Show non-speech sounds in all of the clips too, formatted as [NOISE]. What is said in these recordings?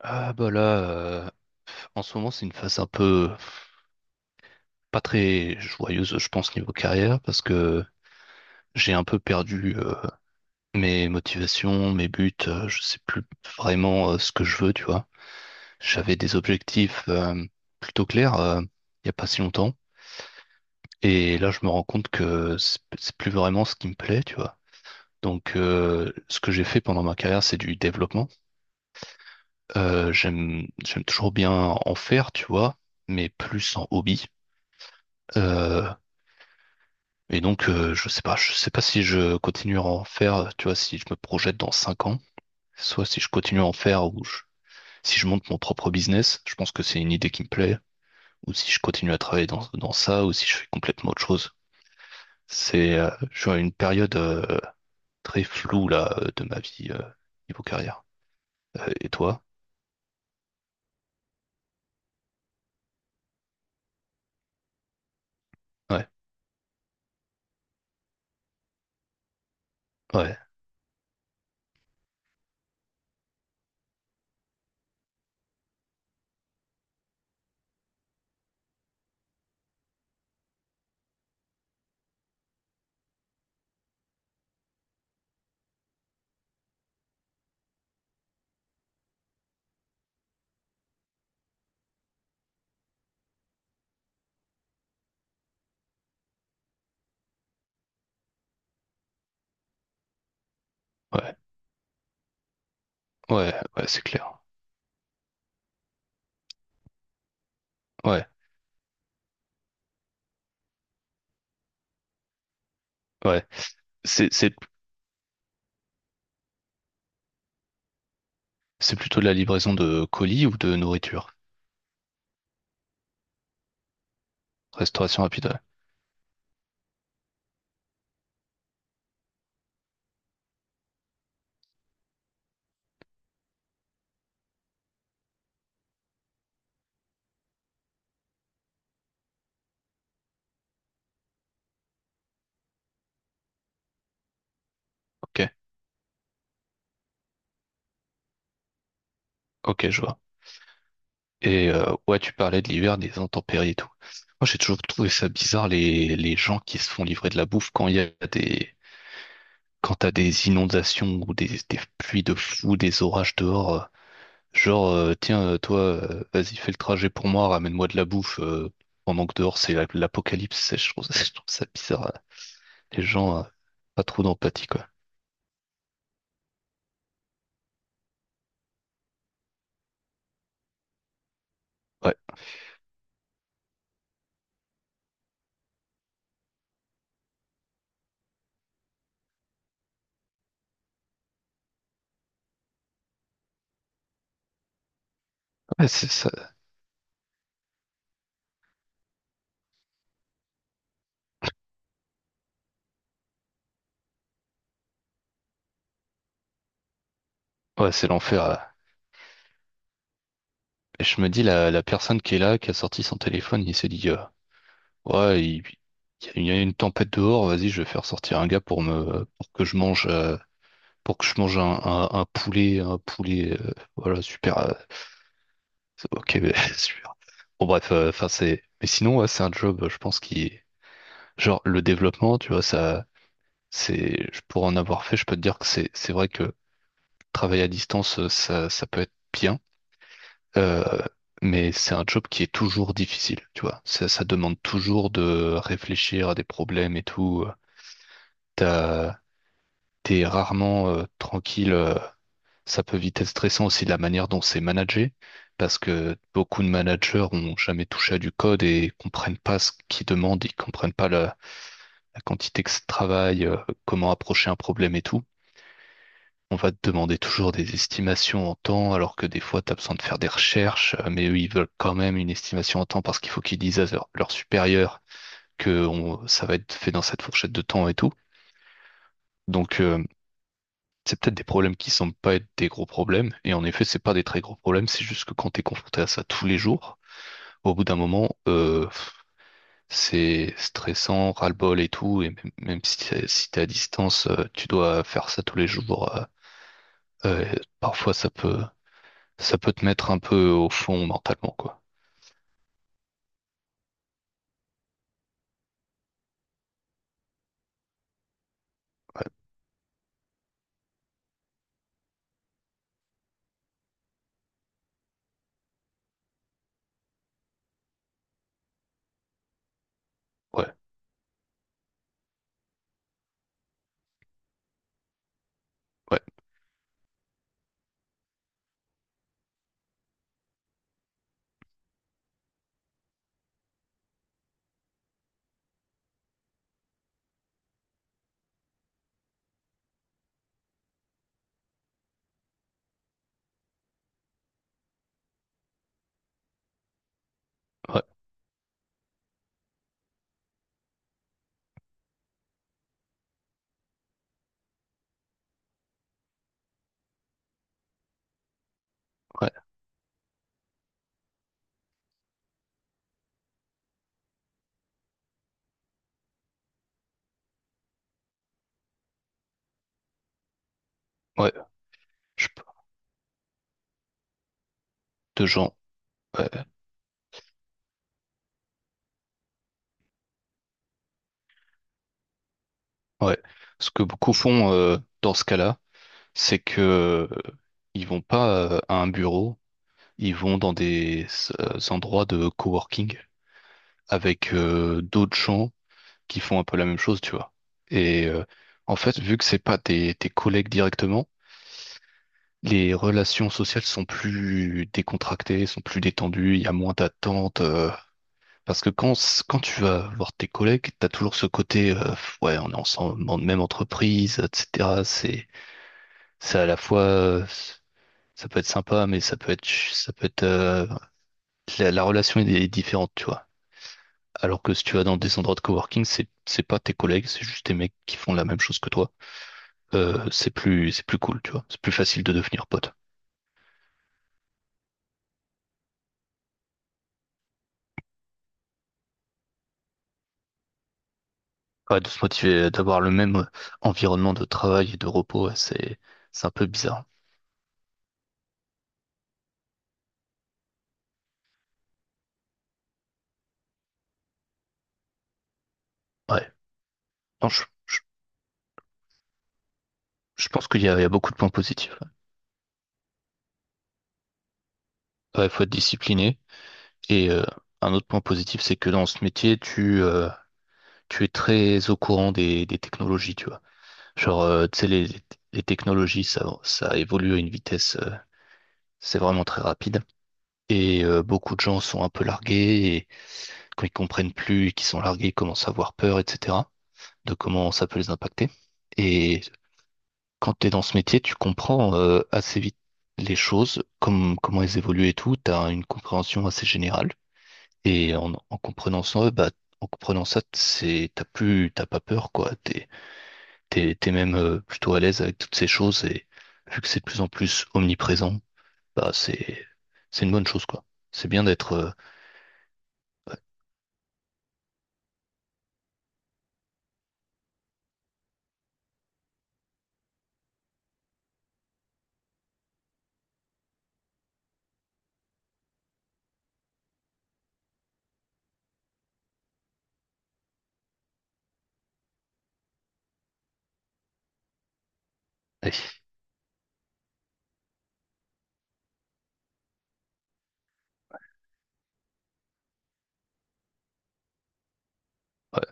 Ah bah là, euh, en ce moment c'est une phase un peu pas très joyeuse, je pense, niveau carrière, parce que j'ai un peu perdu mes motivations, mes buts, je sais plus vraiment ce que je veux, tu vois. J'avais des objectifs plutôt clairs il y a pas si longtemps, et là je me rends compte que c'est plus vraiment ce qui me plaît, tu vois. Donc ce que j'ai fait pendant ma carrière, c'est du développement. J'aime toujours bien en faire, tu vois, mais plus en hobby. Euh, Et donc, je sais pas si je continue à en faire, tu vois, si je me projette dans 5 ans, soit si je continue à en faire ou si je monte mon propre business, je pense que c'est une idée qui me plaît, ou si je continue à travailler dans, dans ça, ou si je fais complètement autre chose. Je suis à une période très floue là de ma vie niveau carrière. Et toi? Ouais, ouais, ouais, ouais, ouais, c'est clair. Ouais, ouais. C'est, c'est, c'est plutôt de la livraison de colis ou de nourriture? Restauration rapide. Ouais. Ok, ok, je vois. Et ouais, tu parlais de l'hiver, des intempéries et tout. Moi, j'ai toujours trouvé ça bizarre les gens qui se font livrer de la bouffe quand il y a des quand t'as des inondations ou des pluies de fou, des orages dehors. Genre, tiens, toi, vas-y, fais le trajet pour moi, ramène-moi de la bouffe, pendant que dehors l'apocalypse, je trouve, [LAUGHS] je trouve ça bizarre. Les gens, pas trop d'empathie, quoi. Ouais, ouais, c'est ça. Ouais, c'est l'enfer, là. Et je me dis, la personne qui est là, qui a sorti son téléphone, il s'est dit, ouais, il y a une tempête dehors, vas-y, je vais faire sortir un gars pour pour que je mange, pour que je mange un poulet, voilà, super. Ok, mais [LAUGHS] super. Bon, bref, enfin, c'est. Mais sinon, ouais, c'est un job, je pense, qui. Genre, le développement, tu vois, ça. Pour en avoir fait, je peux te dire que c'est vrai que travailler à distance, ça peut être bien. euh, mais c'est un job qui est toujours difficile, tu vois. Ça demande toujours de réfléchir à des problèmes et tout. T'as, T'es rarement tranquille. Ça peut vite être stressant aussi de la manière dont c'est managé, parce que beaucoup de managers ont jamais touché à du code et comprennent pas ce qu'ils demandent, ils comprennent pas la quantité que ça travaille, comment approcher un problème et tout. On va te demander toujours des estimations en temps, alors que des fois, tu as besoin de faire des recherches, mais eux, ils veulent quand même une estimation en temps parce qu'il faut qu'ils disent à leur supérieur que ça va être fait dans cette fourchette de temps et tout. Donc, c'est peut-être des problèmes qui semblent pas être des gros problèmes, et en effet, c'est pas des très gros problèmes, c'est juste que quand t'es confronté à ça tous les jours, au bout d'un moment, c'est stressant, ras-le-bol et tout, et même, même si t'es, si t'es à distance, tu dois faire ça tous les jours, euh, parfois ça peut te mettre un peu au fond mentalement, quoi. Ouais, ouais, ouais, ouais, ouais, je sais pas, de gens, ouais, ouais. Ce que beaucoup font, dans ce cas-là, c'est que, euh, ils vont pas à un bureau. Ils vont dans des endroits de coworking avec d'autres gens qui font un peu la même chose, tu vois. Et en fait, vu que c'est pas tes collègues directement, les relations sociales sont plus décontractées, sont plus détendues, il y a moins d'attentes. Parce que quand tu vas voir tes collègues, t'as toujours ce côté, ouais, on est ensemble, dans la même entreprise, etc. C'est à la fois, ça peut être sympa, mais ça peut être, la relation est différente, tu vois. Alors que si tu vas dans des endroits de coworking, c'est pas tes collègues, c'est juste des mecs qui font la même chose que toi. C'est plus cool, tu vois. C'est plus facile de devenir pote. Ouais, de se motiver, d'avoir le même environnement de travail et de repos, ouais, c'est un peu bizarre. Ouais. Non, je pense qu'il y a, il y a beaucoup de points positifs. Ouais, il faut être discipliné. Et un autre point positif, c'est que dans ce métier, tu es très au courant des technologies, tu vois. Genre, tu sais, les technologies, ça évolue à une vitesse, c'est vraiment très rapide. Et beaucoup de gens sont un peu largués et quand ils comprennent plus et qu'ils sont largués, ils commencent à avoir peur, etc., de comment ça peut les impacter. Et quand tu es dans ce métier, tu comprends assez vite les choses, comme, comment elles évoluent et tout. Tu as une compréhension assez générale. Et en comprenant ça, t'as pas peur, quoi. T'es même plutôt à l'aise avec toutes ces choses et vu que c'est de plus en plus omniprésent, bah, c'est, c'est une bonne chose, quoi. C'est bien d'être Eh, Ouais,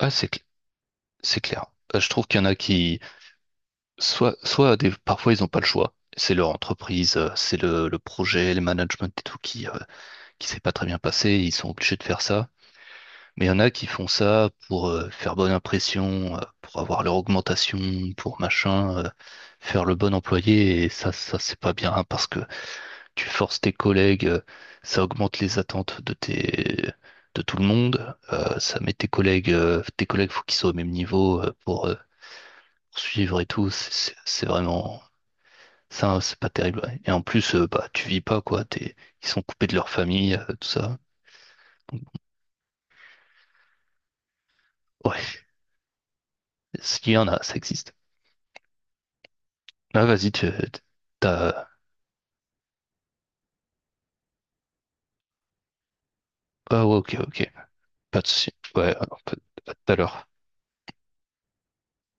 ouais, c'est clair. Je trouve qu'il y en a qui, parfois ils n'ont pas le choix. C'est leur entreprise, c'est le projet, le management et tout qui s'est pas très bien passé. Ils sont obligés de faire ça. Mais il y en a qui font ça pour faire bonne impression, pour avoir leur augmentation, pour machin, faire le bon employé. Et ça c'est pas bien hein, parce que tu forces tes collègues, ça augmente les attentes de tes, de tout le monde, ça met tes collègues faut qu'ils soient au même niveau pour poursuivre et tout, c'est vraiment, ça c'est pas terrible. Ouais. Et en plus, bah tu vis pas quoi, ils sont coupés de leur famille, tout ça. Donc, ouais, [LAUGHS] s'il y en a, ça existe. Ah vas-y, t'as, ah ouais, ok, ok, pas de souci. Ouais, à tout à l'heure.